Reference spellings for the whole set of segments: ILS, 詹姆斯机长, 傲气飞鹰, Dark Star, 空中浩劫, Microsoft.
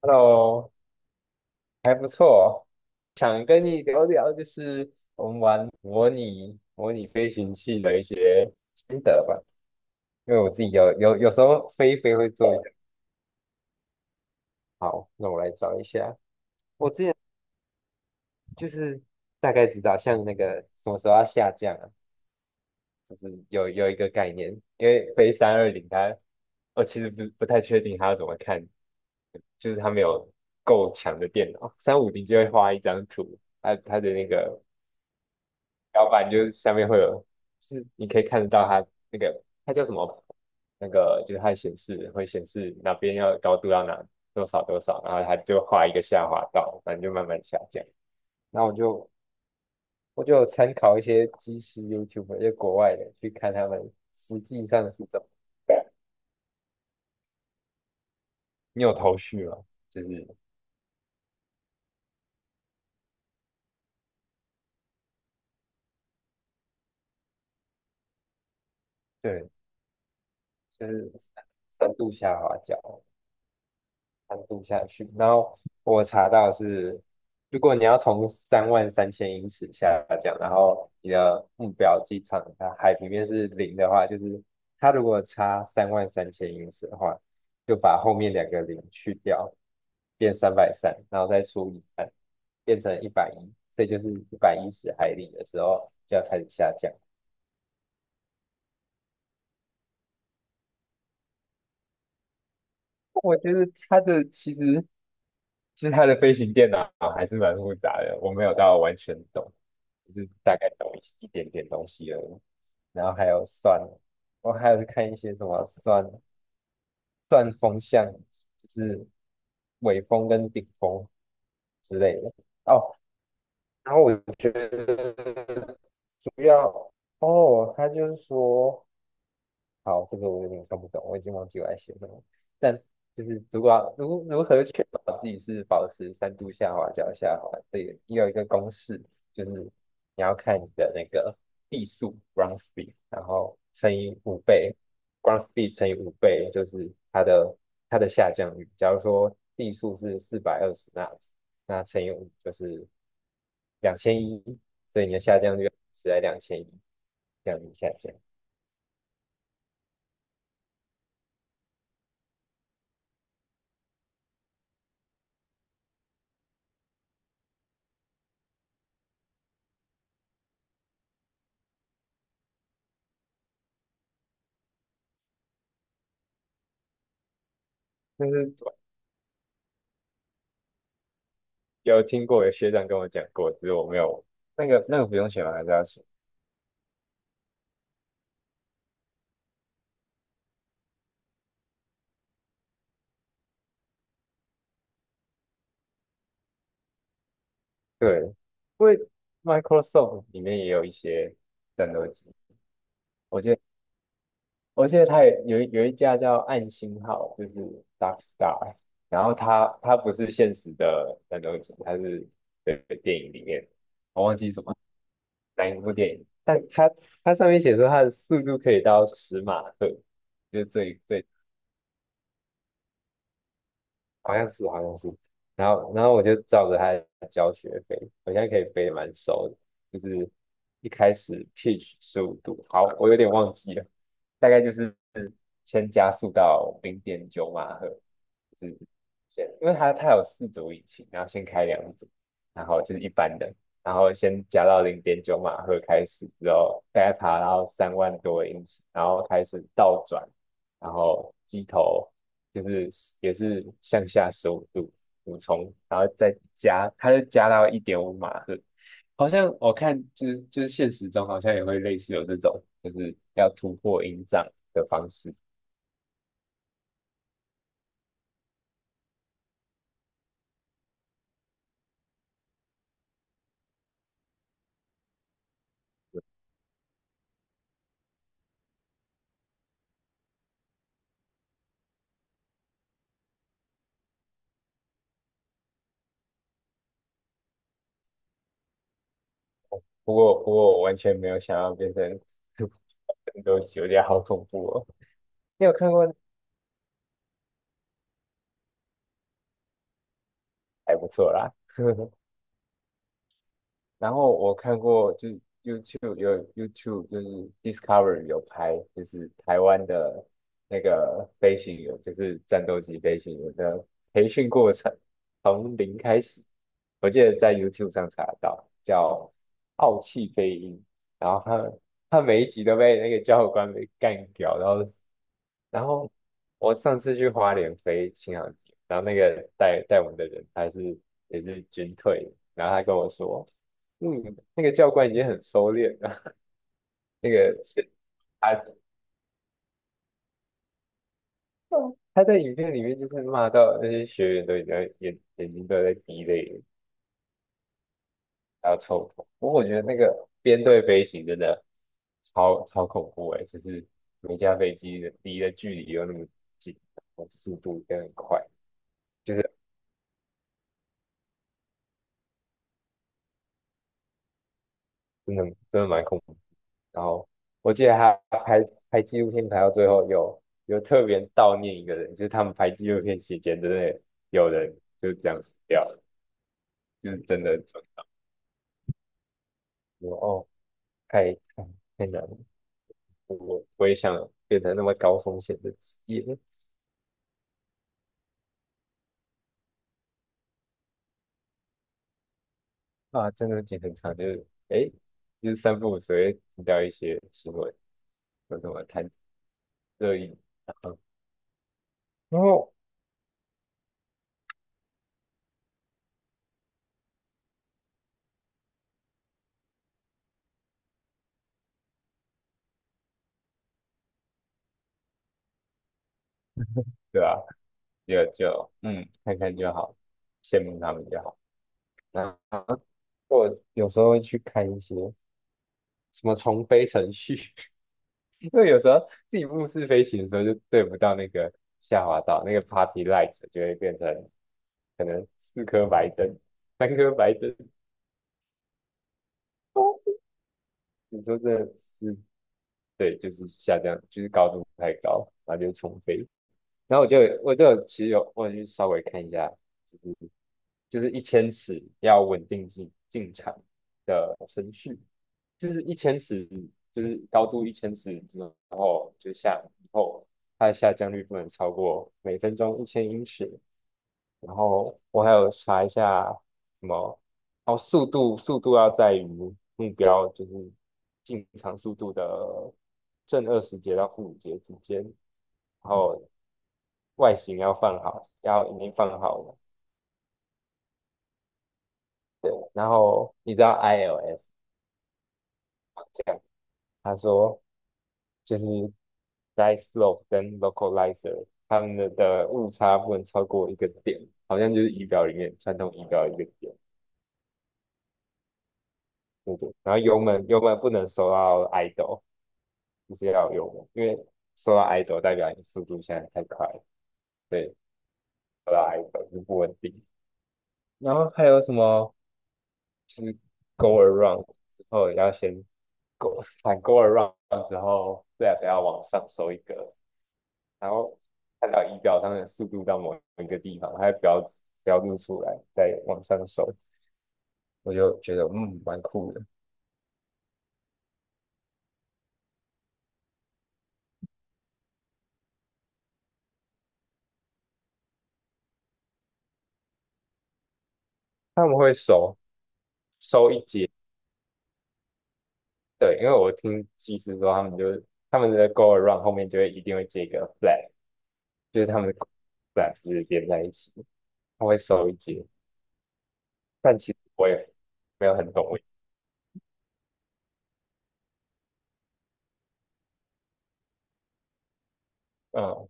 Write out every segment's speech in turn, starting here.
Hello，还不错，想跟你聊聊，就是我们玩模拟飞行器的一些心得吧。因为我自己有时候飞一飞会做一点。好，那我来找一下。我之前就是大概知道，像那个什么时候要下降啊，就是有一个概念。因为飞三二零，它我其实不太确定它要怎么看，就是它没有够强的电脑，三五零就会画一张图，它的那个标板就是下面会有，是你可以看得到它那个它叫什么，那个就是它显示会显示哪边要高度要哪多少多少，然后它就画一个下滑道，反正就慢慢下降。那我就有参考一些即时 YouTube，就国外的去看他们实际上是怎么。你有头绪吗？就是对，就是深度下滑角，单度下去。然后我查到是，如果你要从三万三千英尺下降，然后你的目标机场它海平面是零的话，就是它如果差三万三千英尺的话，就把后面两个零去掉，变330，然后再除以三，变成一百一，所以就是110海里的时候就要开始下降。我觉得它的其实它的飞行电脑还是蛮复杂的，我没有到完全懂，就是大概懂一点点东西而已。然后还有算，我还有去看一些什么算算风向，就是尾风跟顶风之类的。哦，然后我觉得主要哦，他就是说。好，这个我有点看不懂，我已经忘记我在写什么。但就是如果要如何确保自己是保持3度下滑、脚下滑，这个也有一个公式，就是你要看你的那个地速 （ground speed），然后乘以五倍，ground speed 乘以五倍就是它的下降率。假如说地速是420纳兹，那乘以五就是两千一，所以你的下降率是在两千一，这样子下降。就是有听过，有学长跟我讲过，只是我没有那个不用写吗？还是要写？对，因为 Microsoft 里面也有一些战斗机，我记得我记得它也有一家叫暗星号，就是 Dark Star，然后它不是现实的战斗机，它是对电影里面，我忘记什么哪一部电影，但它上面写说它的速度可以到10马赫，就是最。好像是好像是，然后我就照着他的教学飞，我现在可以飞得蛮熟的，就是一开始 pitch 十五度，好，我有点忘记了，大概就是先加速到零点九马赫，就是先，因为它有4组引擎，然后先开2组，然后就是一般的，然后先加到零点九马赫开始之后，大概爬到三万多英尺，然后开始倒转，然后机头就是也是向下十五度俯冲，然后再加，它就加到1.5马赫。好像我看就是现实中好像也会类似有这种，就是要突破音障的方式。不过我完全没有想要变成 战斗机，我觉得好恐怖哦。你有看过？还不错啦。然后我看过就，有 YouTube 就是 Discovery 有拍，就是台湾的那个飞行员，就是战斗机飞行员的培训过程，从零开始。我记得在 YouTube 上查得到，叫《傲气飞鹰》，然后他每一集都被那个教官给干掉，然后我上次去花莲飞新航机，然后那个带带我们的人也是军退的然后他跟我说，嗯，那个教官已经很收敛了，那个是他他在影片里面就是骂到那些学员都已经在眼睛都在滴泪了，还要臭头。不过我觉得那个编队飞行真的超恐怖哎，就是每架飞机的离的距离又那么近，然后速度也很快。就是。真的真的蛮恐怖。然后我记得他拍拍纪录片拍到最后有特别悼念一个人，就是他们拍纪录片期间真的有人就是这样死掉了，就是真的准。我哦，太太难了，我也想变成那么高风险的职业啊，真的剪很长，就是诶，就是三不五时会听到一些新闻，说什么谈热议，然后然后对啊，就看看就好，羡慕他们就好。然后我有时候会去看一些什么重飞程序，因为有时候自己目视飞行的时候就对不到那个下滑道，那个 party light 就会变成可能4颗白灯、3颗白灯。哦，你说这是对，就是下降，就是高度太高，然后就重飞。然后我就其实我有去稍微看一下，就是。就是一千尺要稳定进场的程序，就是一千尺，就是高度一千尺之后，就下以后它的下降率不能超过每分钟1,000英尺。然后我还有查一下什么，哦，速度要在于目标就是进场速度的+20节到-5节之间，然后外形要放好，要已经放好了。对，然后你知道 ILS 这样，他说就是 dice slope 跟 localizer 他们的误差不能超过一个点，好像就是仪表里面传统仪表一个点，对不对。然后油门不能收到 idle，就是要有油门，因为收到 idle 代表你速度现在太快了，对，收到 idle 就不稳定。然后还有什么就是 go around 之后要先 go around 之后 left 要往上收一个。然后看到仪表上的速度到某一个地方，它会标注出来，再往上收，我就觉得嗯蛮酷的。他们会收一节，对，因为我听技师说他们的 go around 后面就会一定会接一个 flag，就是他们的 flag 就是连在一起，他会收一节，但其实我也没有很懂为什么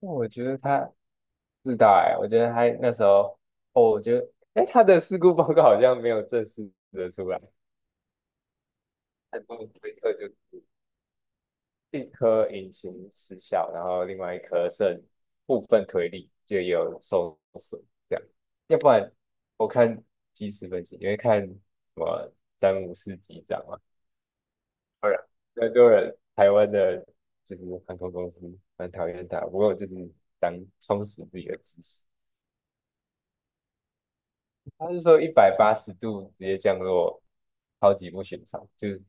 那我觉得他是大哎，我觉得他那时候哦，我觉得哎他的事故报告好像没有正式的出来。初步推测就一颗引擎失效，然后另外一颗剩部分推力就也有受损，这样。要不然我看即时分析，因为看什么詹姆斯机长嘛，当然很多人台湾的就是航空公司蛮讨厌他，不过就是当充实自己的知识。他是说180度直接降落，超级不寻常，就是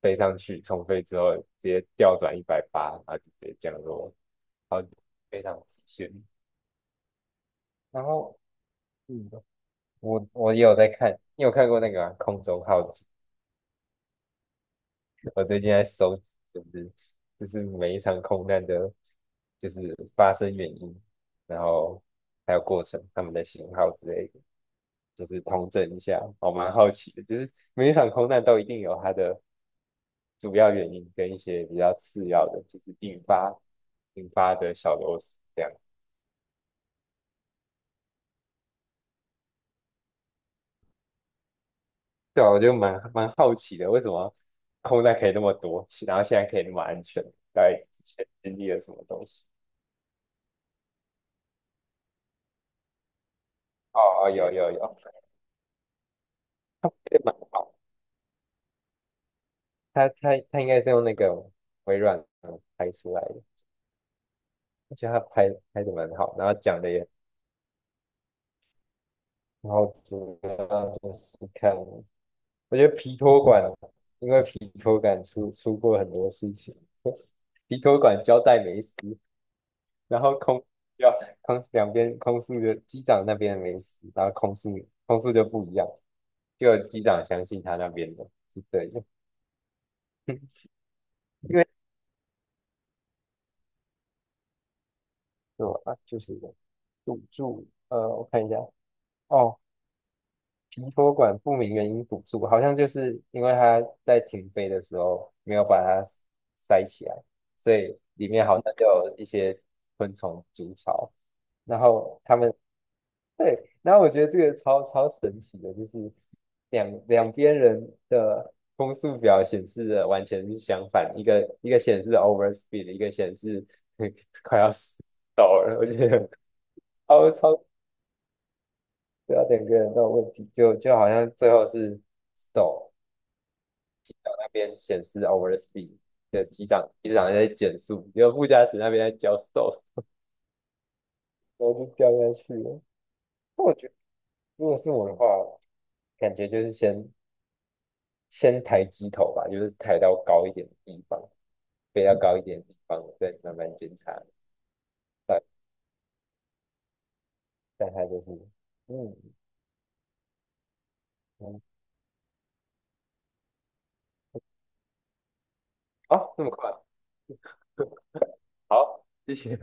飞上去重飞之后直接调转一百八，然后就直接降落。好，非常极限。然后，嗯，我也有在看，你有看过那个啊空中浩劫》？我最近在收集，就是每一场空难的，就是发生原因，然后还有过程，他们的型号之类的，就是通整一下。我蛮好奇的，就是每一场空难都一定有它的主要原因跟一些比较次要的，就是引发的小螺丝这样。对啊，我就蛮好奇的，为什么空难可以那么多，然后现在可以那么安全？在之前经历了什么东西？哦哦，有有有，它拍的蛮好，他应该是用那个微软拍出来的，我觉得它拍的蛮好，然后讲的也，然后主要就是看，我觉得皮托管，因为皮托管出过很多事情，皮托管交代没死，然后就空两边空速的机长那边没死，然后空速就不一样，就机长相信他那边的是 对的，因为什么啊？就是赌注，我看一下，哦，皮托管不明原因堵住，好像就是因为他在停飞的时候没有把它塞起来，所以里面好像就有一些昆虫筑巢，然后他们 对，然后我觉得这个超神奇的，就是两边人的攻速表显示的完全是相反，一个一个显示 overspeed，一个显示 快要死到了，我觉得超超对啊，两个人都有问题，就好像最后是 stall 那边显示 overspeed 的机长在减速，然后副驾驶那边在教 stall，然后就掉下去了。那我觉得如果是我的话，感觉就是先。先抬机头吧，就是抬到高一点的地方，飞到高一点的地方，再慢慢检查。但但它就是，嗯好，哦那么快，好，谢谢。